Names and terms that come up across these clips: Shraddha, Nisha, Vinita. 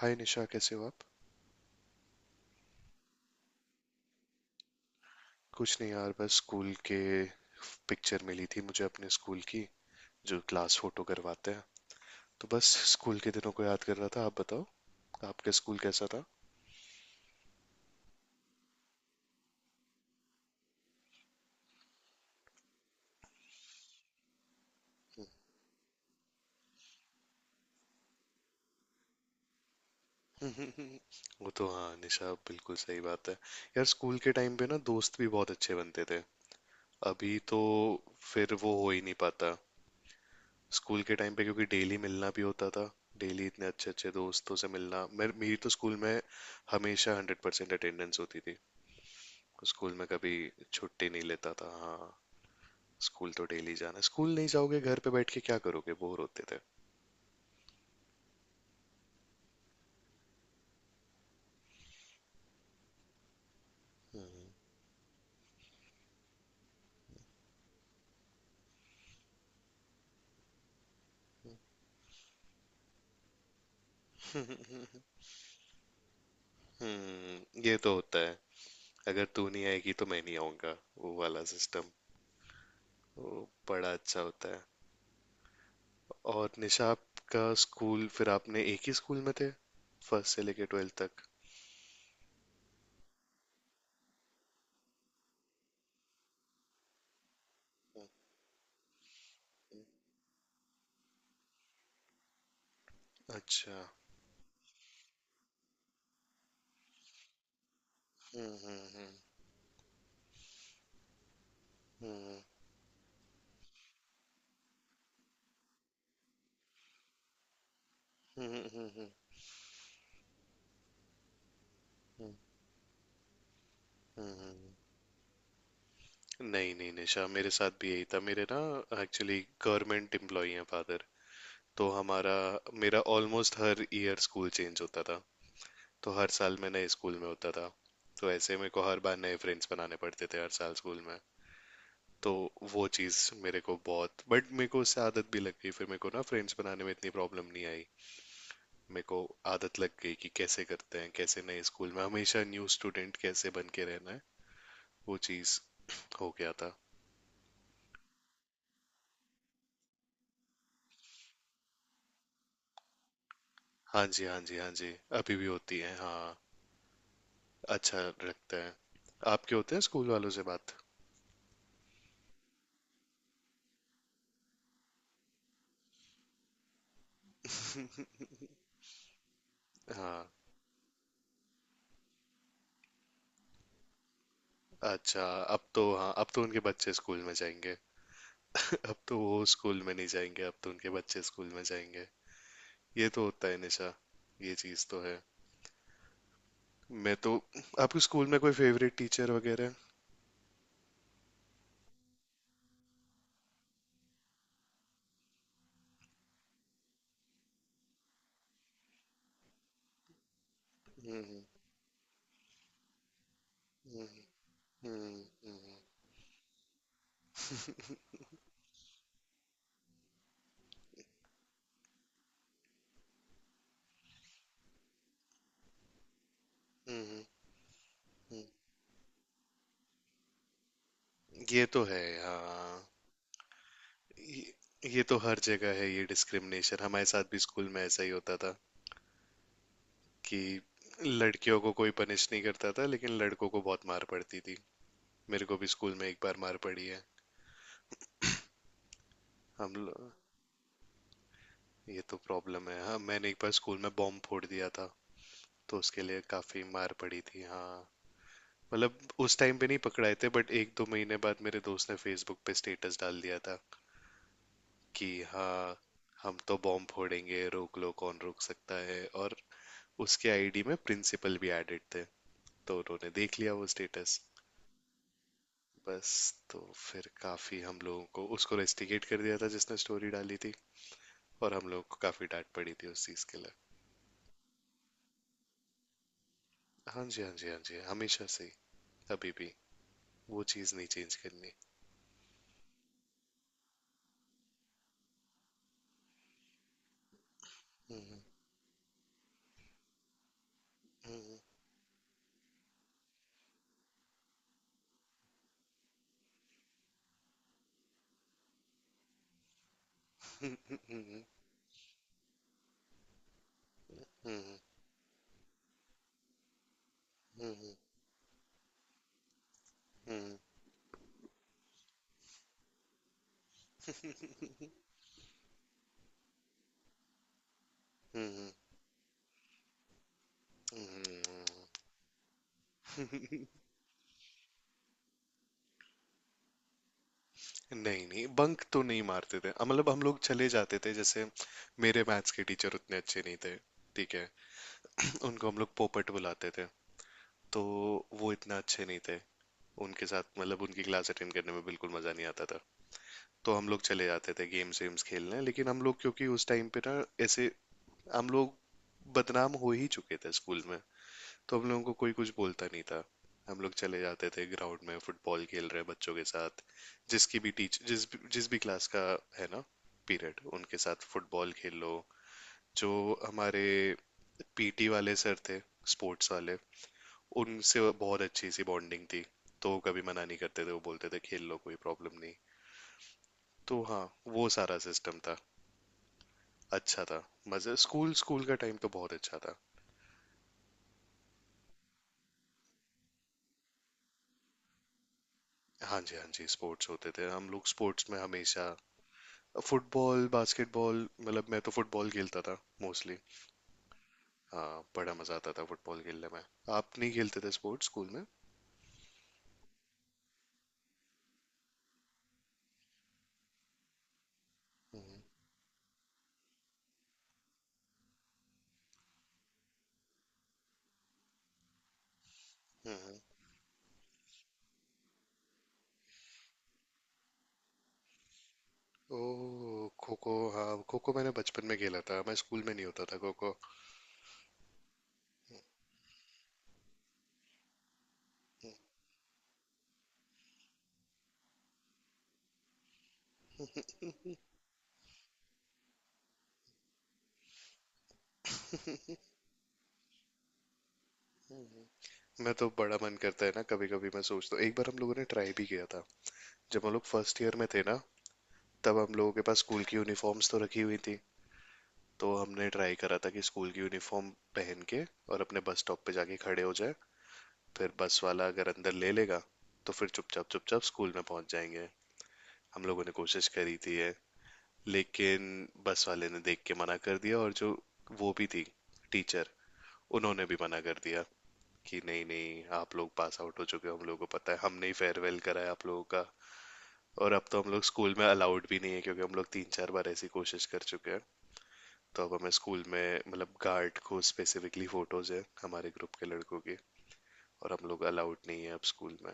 हाय निशा, कैसे हो आप? कुछ नहीं यार, बस स्कूल के पिक्चर मिली थी मुझे अपने स्कूल की, जो क्लास फोटो करवाते हैं, तो बस स्कूल के दिनों को याद कर रहा था। आप बताओ, आपका स्कूल कैसा था? वो तो हाँ निशा, बिल्कुल सही बात है यार। स्कूल के टाइम पे ना दोस्त भी बहुत अच्छे बनते थे। अभी तो फिर वो हो ही नहीं पाता। स्कूल के टाइम पे क्योंकि डेली मिलना भी होता था। डेली इतने अच्छे अच्छे दोस्तों से मिलना, मेरी तो स्कूल में हमेशा 100% अटेंडेंस होती थी। स्कूल में कभी छुट्टी नहीं लेता था। हाँ, स्कूल तो डेली जाना है। स्कूल नहीं जाओगे घर पे बैठ के क्या करोगे, बोर होते थे। हम्म, ये तो होता है। अगर तू नहीं आएगी तो मैं नहीं आऊंगा, वो वाला सिस्टम। वो बड़ा अच्छा होता है। और निशा आपका स्कूल, फिर आपने एक ही स्कूल में थे फर्स्ट से लेके ट्वेल्थ तक? अच्छा। हम्म, हम्म, हम्म। हम्म, हम्म, हम्म। हम्म, हम्म। नहीं नहीं निशा, मेरे साथ भी यही था। मेरे ना एक्चुअली गवर्नमेंट एम्प्लॉई हैं फादर, तो हमारा मेरा ऑलमोस्ट हर ईयर स्कूल चेंज होता था। तो हर साल मैं नए स्कूल में होता था। तो ऐसे मेरे को हर बार नए फ्रेंड्स बनाने पड़ते थे हर साल स्कूल में। तो वो चीज़ मेरे को बहुत, बट मेरे को उससे आदत भी लग गई। फिर मेरे को ना फ्रेंड्स बनाने में इतनी प्रॉब्लम नहीं आई। मेरे को आदत लग गई कि कैसे करते हैं, कैसे नए स्कूल में हमेशा न्यू स्टूडेंट कैसे बन के रहना है। वो चीज़ हो गया था। हाँ जी हाँ जी हाँ जी, अभी भी होती है। हाँ, अच्छा रखते हैं। आपके होते हैं स्कूल वालों से बात? हाँ अच्छा, अब तो हाँ अब तो उनके बच्चे स्कूल में जाएंगे। अब तो वो स्कूल में नहीं जाएंगे, अब तो उनके बच्चे स्कूल में जाएंगे। ये तो होता है निशा, ये चीज़ तो है। मैं तो आपके स्कूल में कोई फेवरेट टीचर वगैरह? हम्म, हम्म, हम्म, हम्म, हम्म। ये तो है हाँ। ये, ये तो हर जगह है ये डिस्क्रिमिनेशन, हमारे साथ भी स्कूल में ऐसा ही होता था कि लड़कियों को कोई पनिश नहीं करता था लेकिन लड़कों को बहुत मार पड़ती थी। मेरे को भी स्कूल में एक बार मार पड़ी है। हम लो- ये तो प्रॉब्लम है। हाँ, मैंने एक बार स्कूल में बॉम्ब फोड़ दिया था, तो उसके लिए काफी मार पड़ी थी। हाँ मतलब उस टाइम पे नहीं पकड़ाए थे, बट 1-2 महीने बाद मेरे दोस्त ने फेसबुक पे स्टेटस डाल दिया था कि हाँ, हम तो बॉम्ब फोड़ेंगे, रोक लो कौन रोक सकता है। और उसके आईडी में प्रिंसिपल भी एडेड थे, तो उन्होंने देख लिया वो स्टेटस। बस, तो फिर काफी हम लोगों को उसको रेस्टिकेट कर दिया था जिसने स्टोरी डाली थी, और हम लोगों को काफी डांट पड़ी थी उस चीज के लिए। हाँ जी हाँ जी हाँ जी, हमेशा से ही, अभी भी वो चीज़ नहीं चेंज करनी। नहीं नहीं, बंक तो नहीं मारते थे, मतलब हम लोग चले जाते थे। जैसे मेरे मैथ्स के टीचर उतने अच्छे नहीं थे, ठीक है। उनको हम लोग पोपट बुलाते थे। तो वो इतना अच्छे नहीं थे, उनके साथ मतलब उनकी क्लास अटेंड करने में बिल्कुल मज़ा नहीं आता था। तो हम लोग चले जाते थे गेम्स वेम्स खेलने। लेकिन हम लोग, क्योंकि उस टाइम पे ना ऐसे हम लोग बदनाम हो ही चुके थे स्कूल में, तो हम लोगों को कोई कुछ बोलता नहीं था। हम लोग चले जाते थे ग्राउंड में फुटबॉल खेल रहे बच्चों के साथ, जिसकी भी टीच जिस भी क्लास का है ना पीरियड, उनके साथ फुटबॉल खेल लो। जो हमारे पीटी वाले सर थे, स्पोर्ट्स वाले, उनसे बहुत अच्छी सी बॉन्डिंग थी। तो वो कभी मना नहीं करते थे, वो बोलते थे खेल लो कोई प्रॉब्लम नहीं। तो हाँ, वो सारा सिस्टम था, अच्छा था। मजे, स्कूल स्कूल का टाइम तो बहुत अच्छा था। हाँ जी हाँ जी, स्पोर्ट्स होते थे। हम लोग स्पोर्ट्स में हमेशा फुटबॉल बास्केटबॉल, मतलब मैं तो फुटबॉल खेलता था मोस्टली। हाँ, बड़ा मजा आता था फुटबॉल खेलने में। आप नहीं खेलते थे स्पोर्ट्स स्कूल में? हम्म, हम्म। ओ खो खो, हाँ खो खो मैंने बचपन में खेला था, मैं स्कूल में नहीं होता था खो खो। मैं तो बड़ा मन करता है ना, कभी कभी मैं सोचता हूँ। एक बार हम लोगों ने ट्राई भी किया था जब हम लोग फर्स्ट ईयर में थे ना। तब हम लोगों के पास स्कूल की यूनिफॉर्म्स तो रखी हुई थी, तो हमने ट्राई करा था कि स्कूल की यूनिफॉर्म पहन के और अपने बस स्टॉप पे जाके खड़े हो जाए, फिर बस वाला अगर अंदर ले लेगा तो फिर चुपचाप चुपचाप स्कूल में पहुंच जाएंगे। हम लोगों ने कोशिश करी थी ये। लेकिन बस वाले ने देख के मना कर दिया, और जो वो भी थी टीचर, उन्होंने भी मना कर दिया कि नहीं नहीं आप लोग पास आउट हो चुके हो, हम लोगों को पता है, हमने ही फेयरवेल करा है आप लोगों का। और अब तो हम लोग स्कूल में अलाउड भी नहीं है क्योंकि हम लोग 3-4 बार ऐसी कोशिश कर चुके हैं। तो अब हमें स्कूल में, मतलब गार्ड को स्पेसिफिकली फोटोज है हमारे ग्रुप के लड़कों की, और हम लोग अलाउड नहीं है अब स्कूल में।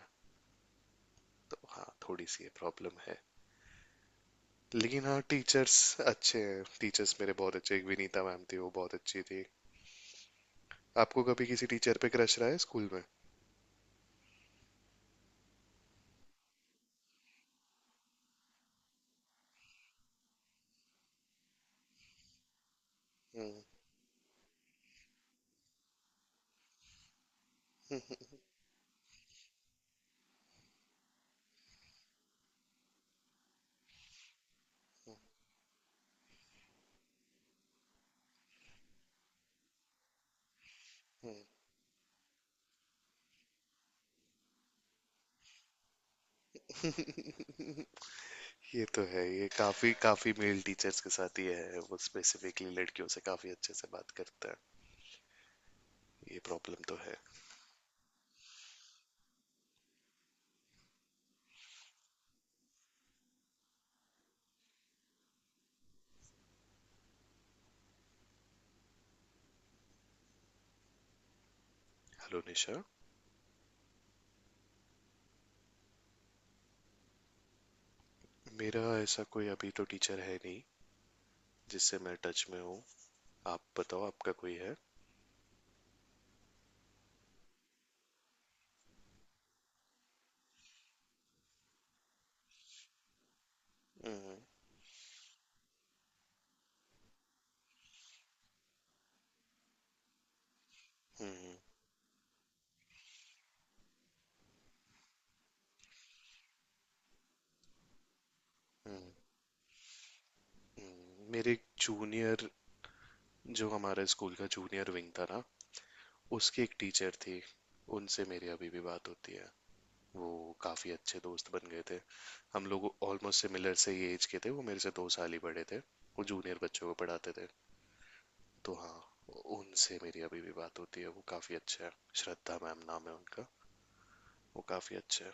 तो हाँ, थोड़ी सी ये प्रॉब्लम है। लेकिन हाँ, टीचर्स अच्छे हैं, टीचर्स मेरे बहुत अच्छे, एक विनीता मैम थी वो बहुत अच्छी थी। आपको कभी किसी टीचर पे क्रश रहा है स्कूल में? हम्म, ये तो है, ये काफी काफी मेल टीचर्स के साथ ही है वो, स्पेसिफिकली लड़कियों से काफी अच्छे से बात करता है। ये प्रॉब्लम तो है। हेलो निशा। मेरा ऐसा कोई अभी तो टीचर है नहीं जिससे मैं टच में हूँ। आप बताओ, आपका कोई है? हम्म, हम्म, हम्म, मेरे जूनियर, जो हमारे स्कूल का जूनियर विंग था ना, उसकी एक टीचर थी, उनसे मेरी अभी भी बात होती है। वो काफ़ी अच्छे दोस्त बन गए थे। हम लोग ऑलमोस्ट सिमिलर से ही एज के थे, वो मेरे से 2 साल ही बड़े थे। वो जूनियर बच्चों को पढ़ाते थे। तो हाँ उनसे मेरी अभी भी बात होती है, वो काफ़ी अच्छा है। श्रद्धा मैम नाम है उनका। वो काफ़ी अच्छा है।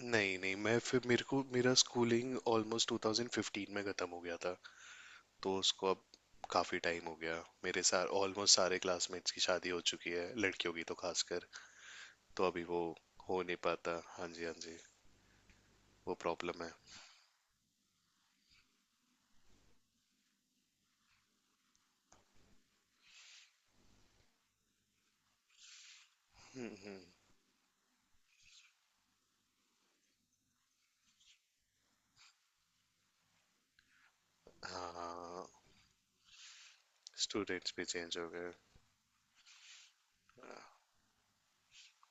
नहीं नहीं, मैं फिर मेरे को मेरा स्कूलिंग ऑलमोस्ट 2015 में ख़त्म हो गया था। तो उसको अब काफ़ी टाइम हो गया, मेरे सार ऑलमोस्ट सारे क्लासमेट्स की शादी हो चुकी है, लड़कियों की तो खासकर। तो अभी वो हो नहीं पाता, हाँ जी हाँ जी, वो प्रॉब्लम है। हम्म, हाँ, स्टूडेंट्स भी चेंज हो गए।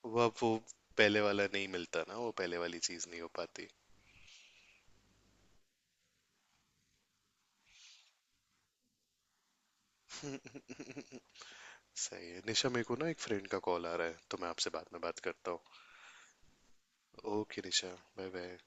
वो अब वो पहले वाला नहीं मिलता ना, वो पहले वाली चीज़ नहीं हो पाती। सही है निशा, मेरे को ना एक फ्रेंड का कॉल आ रहा है, तो मैं आपसे बाद में बात करता हूँ। Okay Nisha, bye bye.